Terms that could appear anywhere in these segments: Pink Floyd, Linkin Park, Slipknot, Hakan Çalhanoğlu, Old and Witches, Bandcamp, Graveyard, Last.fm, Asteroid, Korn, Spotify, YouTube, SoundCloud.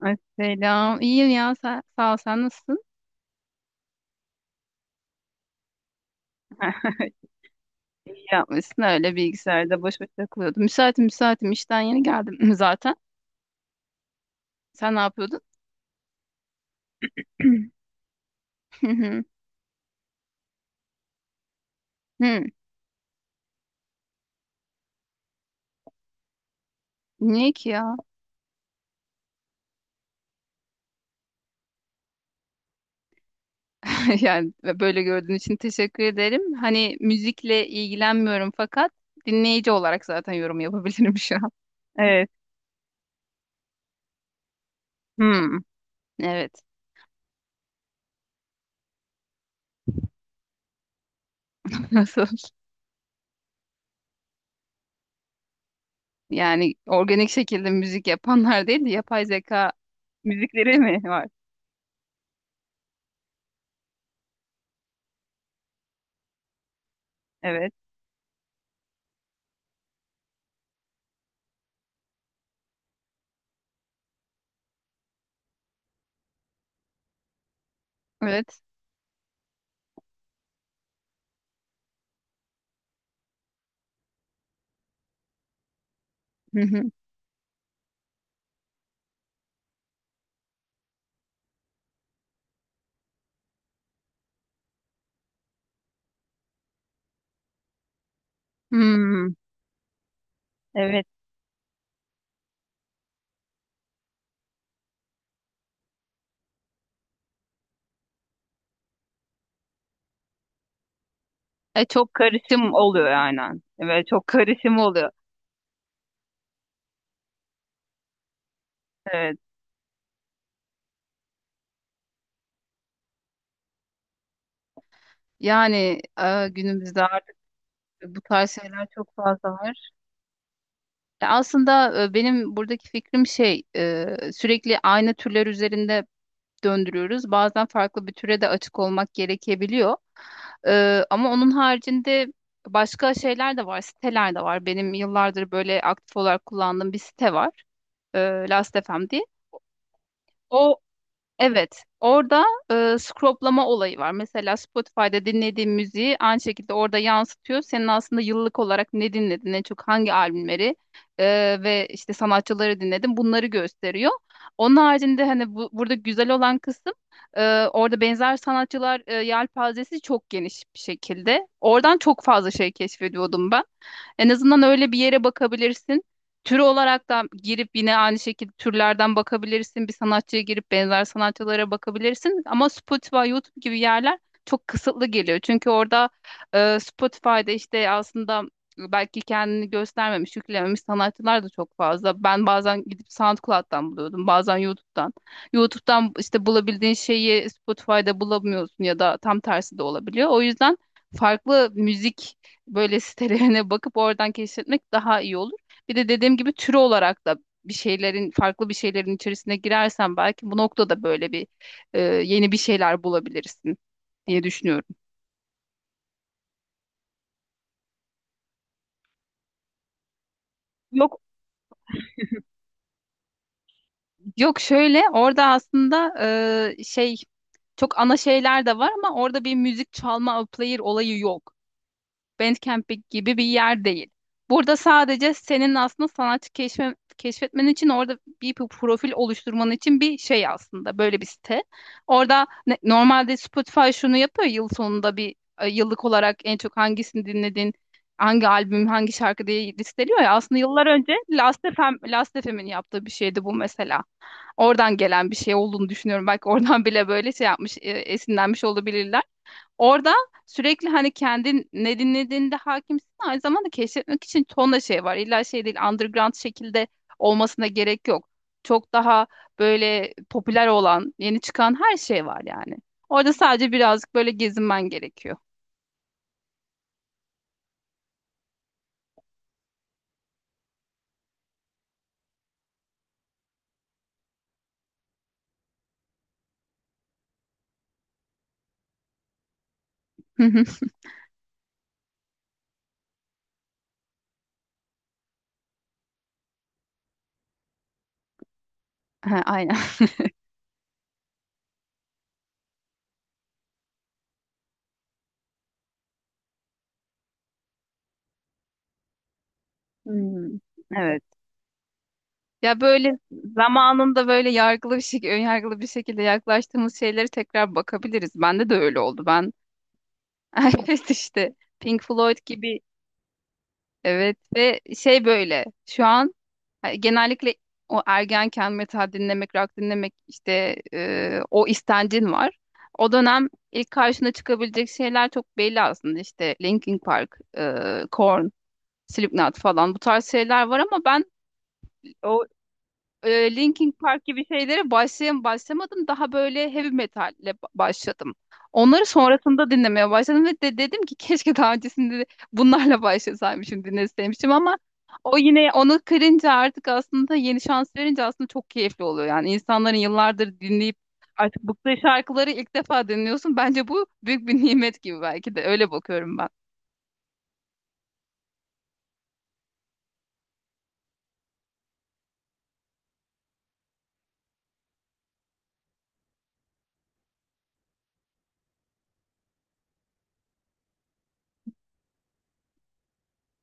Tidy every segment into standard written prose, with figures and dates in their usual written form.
Ay, selam. İyiyim ya. Sen, sağ ol. Sen nasılsın? İyi yapmışsın. Öyle bilgisayarda boş boş takılıyordum. Müsaitim müsaitim. İşten yeni geldim zaten. Sen ne yapıyordun? Hı, hı. Hı. Niye ki ya? Yani böyle gördüğün için teşekkür ederim. Hani müzikle ilgilenmiyorum fakat dinleyici olarak zaten yorum yapabilirim şu an. Evet. Hmm. Evet. Nasıl? Yani organik şekilde müzik yapanlar değil de yapay zeka müzikleri mi var? Evet. Evet. Hmm, evet. Çok karışım oluyor aynen. Evet, çok karışım oluyor. Evet. Yani günümüzde artık bu tarz şeyler çok fazla var. Aslında benim buradaki fikrim şey, sürekli aynı türler üzerinde döndürüyoruz. Bazen farklı bir türe de açık olmak gerekebiliyor. Ama onun haricinde başka şeyler de var, siteler de var. Benim yıllardır böyle aktif olarak kullandığım bir site var. E, Last.fm diye. Evet, orada scroplama olayı var. Mesela Spotify'da dinlediğin müziği aynı şekilde orada yansıtıyor. Senin aslında yıllık olarak ne dinledin, en çok hangi albümleri e, ve işte sanatçıları dinledin bunları gösteriyor. Onun haricinde hani burada güzel olan kısım orada benzer sanatçılar yelpazesi çok geniş bir şekilde. Oradan çok fazla şey keşfediyordum ben. En azından öyle bir yere bakabilirsin. Tür olarak da girip yine aynı şekilde türlerden bakabilirsin. Bir sanatçıya girip benzer sanatçılara bakabilirsin. Ama Spotify, YouTube gibi yerler çok kısıtlı geliyor. Çünkü orada Spotify'da işte aslında belki kendini göstermemiş, yüklememiş sanatçılar da çok fazla. Ben bazen gidip SoundCloud'dan buluyordum, bazen YouTube'dan. YouTube'dan işte bulabildiğin şeyi Spotify'da bulamıyorsun ya da tam tersi de olabiliyor. O yüzden farklı müzik böyle sitelerine bakıp oradan keşfetmek daha iyi olur. Bir de dediğim gibi türü olarak da bir şeylerin farklı bir şeylerin içerisine girersen belki bu noktada böyle bir yeni bir şeyler bulabilirsin diye düşünüyorum. Yok yok şöyle orada aslında şey çok ana şeyler de var ama orada bir müzik çalma player olayı yok. Bandcamp gibi bir yer değil. Burada sadece senin aslında sanatçı keşfetmen için orada bir profil oluşturman için bir şey aslında böyle bir site. Orada normalde Spotify şunu yapıyor yıl sonunda bir yıllık olarak en çok hangisini dinledin, hangi albüm, hangi şarkı diye listeliyor ya. Aslında yıllar önce Last FM'in yaptığı bir şeydi bu mesela. Oradan gelen bir şey olduğunu düşünüyorum. Belki oradan bile böyle şey yapmış, esinlenmiş olabilirler. Orada sürekli hani kendin ne dinlediğinde hakimsin aynı zamanda keşfetmek için tonla şey var. İlla şey değil underground şekilde olmasına gerek yok. Çok daha böyle popüler olan, yeni çıkan her şey var yani. Orada sadece birazcık böyle gezinmen gerekiyor. Hı hı. Ha, aynen. Hmm, evet. Ya böyle zamanında böyle önyargılı bir şekilde yaklaştığımız şeylere tekrar bakabiliriz. Bende de öyle oldu. Ben evet işte Pink Floyd gibi. Evet ve şey böyle şu an hani genellikle o ergenken metal dinlemek, rock dinlemek işte o istencin var. O dönem ilk karşına çıkabilecek şeyler çok belli aslında işte Linkin Park, Korn, Slipknot falan bu tarz şeyler var ama ben o Linkin Park gibi şeylere başlamadım. Daha böyle heavy metalle başladım. Onları sonrasında dinlemeye başladım ve de dedim ki keşke daha öncesinde de bunlarla başlasaymışım, dinleseymişim ama o yine onu kırınca artık aslında yeni şans verince aslında çok keyifli oluyor. Yani insanların yıllardır dinleyip artık bıktığı şarkıları ilk defa dinliyorsun. Bence bu büyük bir nimet gibi belki de öyle bakıyorum ben.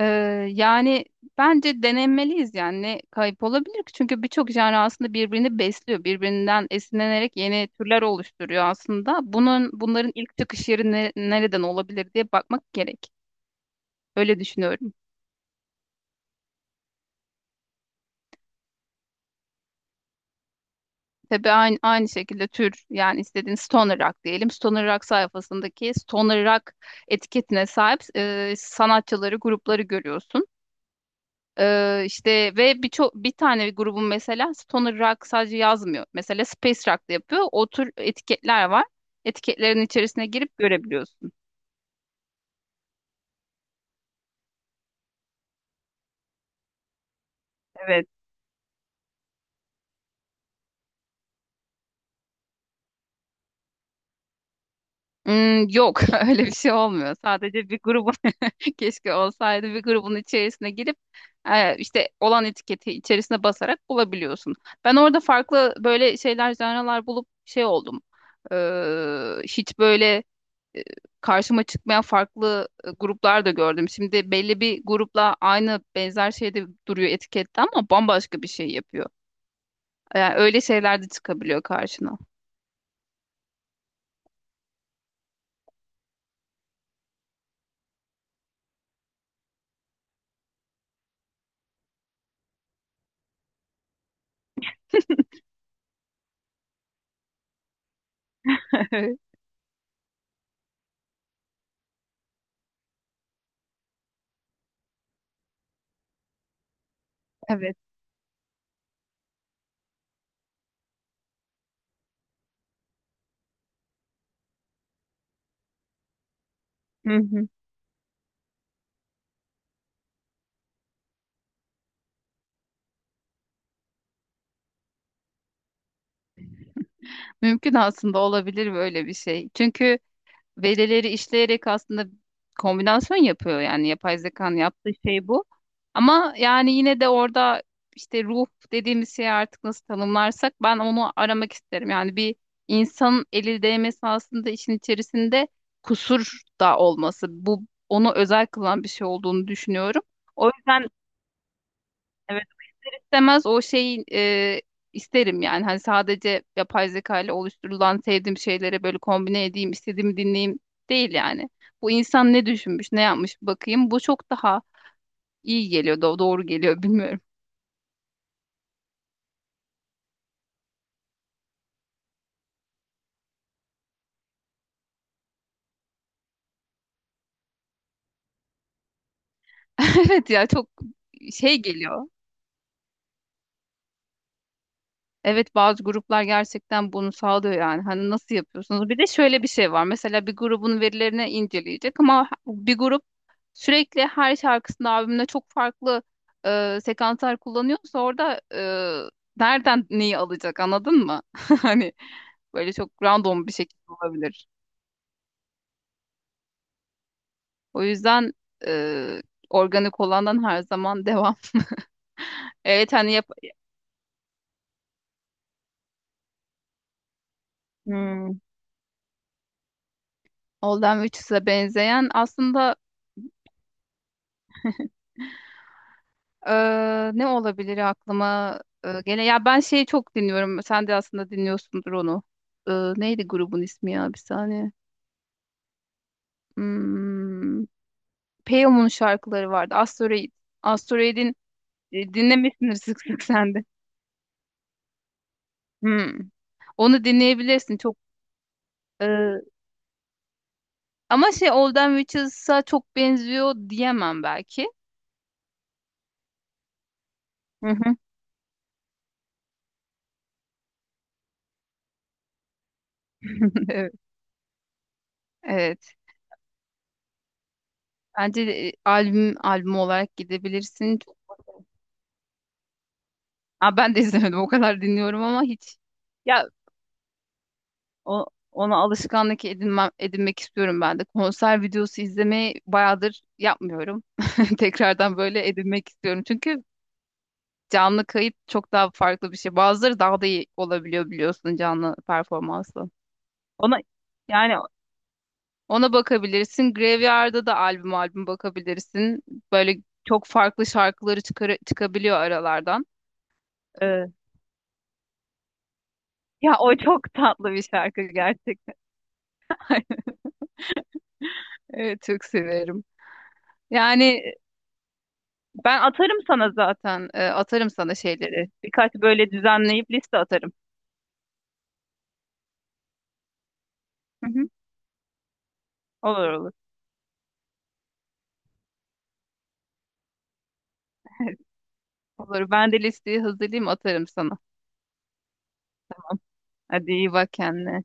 Ee, yani bence denemeliyiz yani ne kayıp olabilir ki? Çünkü birçok genre aslında birbirini besliyor. Birbirinden esinlenerek yeni türler oluşturuyor aslında. Bunların ilk çıkış yeri nereden olabilir diye bakmak gerek. Öyle düşünüyorum. Tabii aynı şekilde tür yani istediğin stoner rock diyelim. Stoner rock sayfasındaki stoner rock etiketine sahip sanatçıları, grupları görüyorsun. İşte ve birçok bir tane bir grubun mesela stoner rock sadece yazmıyor. Mesela space rock da yapıyor. O tür etiketler var. Etiketlerin içerisine girip görebiliyorsun. Evet. Hmm, yok öyle bir şey olmuyor. Sadece bir grubun keşke olsaydı bir grubun içerisine girip işte olan etiketi içerisine basarak bulabiliyorsun. Ben orada farklı böyle şeyler, janralar bulup şey oldum. Hiç böyle e, karşıma çıkmayan farklı gruplar da gördüm. Şimdi belli bir grupla benzer şeyde duruyor etikette ama bambaşka bir şey yapıyor. Yani öyle şeyler de çıkabiliyor karşına. Evet. Hı hı. Mümkün aslında olabilir böyle bir şey. Çünkü verileri işleyerek aslında kombinasyon yapıyor yani yapay zekanın yaptığı şey bu. Ama yani yine de orada işte ruh dediğimiz şeyi artık nasıl tanımlarsak ben onu aramak isterim. Yani bir insanın eli değmesi aslında işin içerisinde kusur da olması. Bu onu özel kılan bir şey olduğunu düşünüyorum. O yüzden istemez o şeyi isterim yani. Hani sadece yapay zeka ile oluşturulan sevdiğim şeylere böyle kombine edeyim, istediğimi dinleyeyim değil yani. Bu insan ne düşünmüş, ne yapmış bir bakayım. Bu çok daha iyi geliyor, doğru geliyor bilmiyorum. Evet ya çok şey geliyor. Evet bazı gruplar gerçekten bunu sağlıyor yani. Hani nasıl yapıyorsunuz? Bir de şöyle bir şey var. Mesela bir grubun verilerini inceleyecek ama bir grup sürekli her şarkısında albümde çok farklı sekanslar kullanıyorsa orada nereden neyi alacak anladın mı? Hani böyle çok random bir şekilde olabilir. O yüzden e, organik olandan her zaman devam. Evet hani hmm. Old and Witches'e benzeyen aslında. Ne olabilir aklıma gele? Ya ben şeyi çok dinliyorum. Sen de aslında dinliyorsundur onu. Neydi grubun ismi ya bir saniye. Hmm, Peyam'ın şarkıları vardı. Asteroid. Asteroid'in dinlemişsindir sık sık sen de. Hmm. Onu dinleyebilirsin çok. e, ama şey Old and Witches'a çok benziyor diyemem belki. Hı hı. Evet. Evet. Bence de, albüm albüm olarak gidebilirsin. Aa, ben de izlemedim. O kadar dinliyorum ama hiç ya o, ona alışkanlık edinmek istiyorum ben de. Konser videosu izlemeyi bayağıdır yapmıyorum. Tekrardan böyle edinmek istiyorum. Çünkü canlı kayıt çok daha farklı bir şey. Bazıları daha da iyi olabiliyor biliyorsun canlı performansla. Ona yani ona bakabilirsin. Graveyard'da da albüm albüm bakabilirsin. Böyle çok farklı şarkıları çıkabiliyor aralardan. Ee, ya o çok tatlı bir şarkı gerçekten. Evet, çok severim. Yani ben atarım sana zaten. Atarım sana şeyleri. Birkaç böyle düzenleyip liste atarım. Hı hı. Olur olur. Olur. Ben de listeyi hazırlayayım atarım sana. Hadi iyi bak kendine.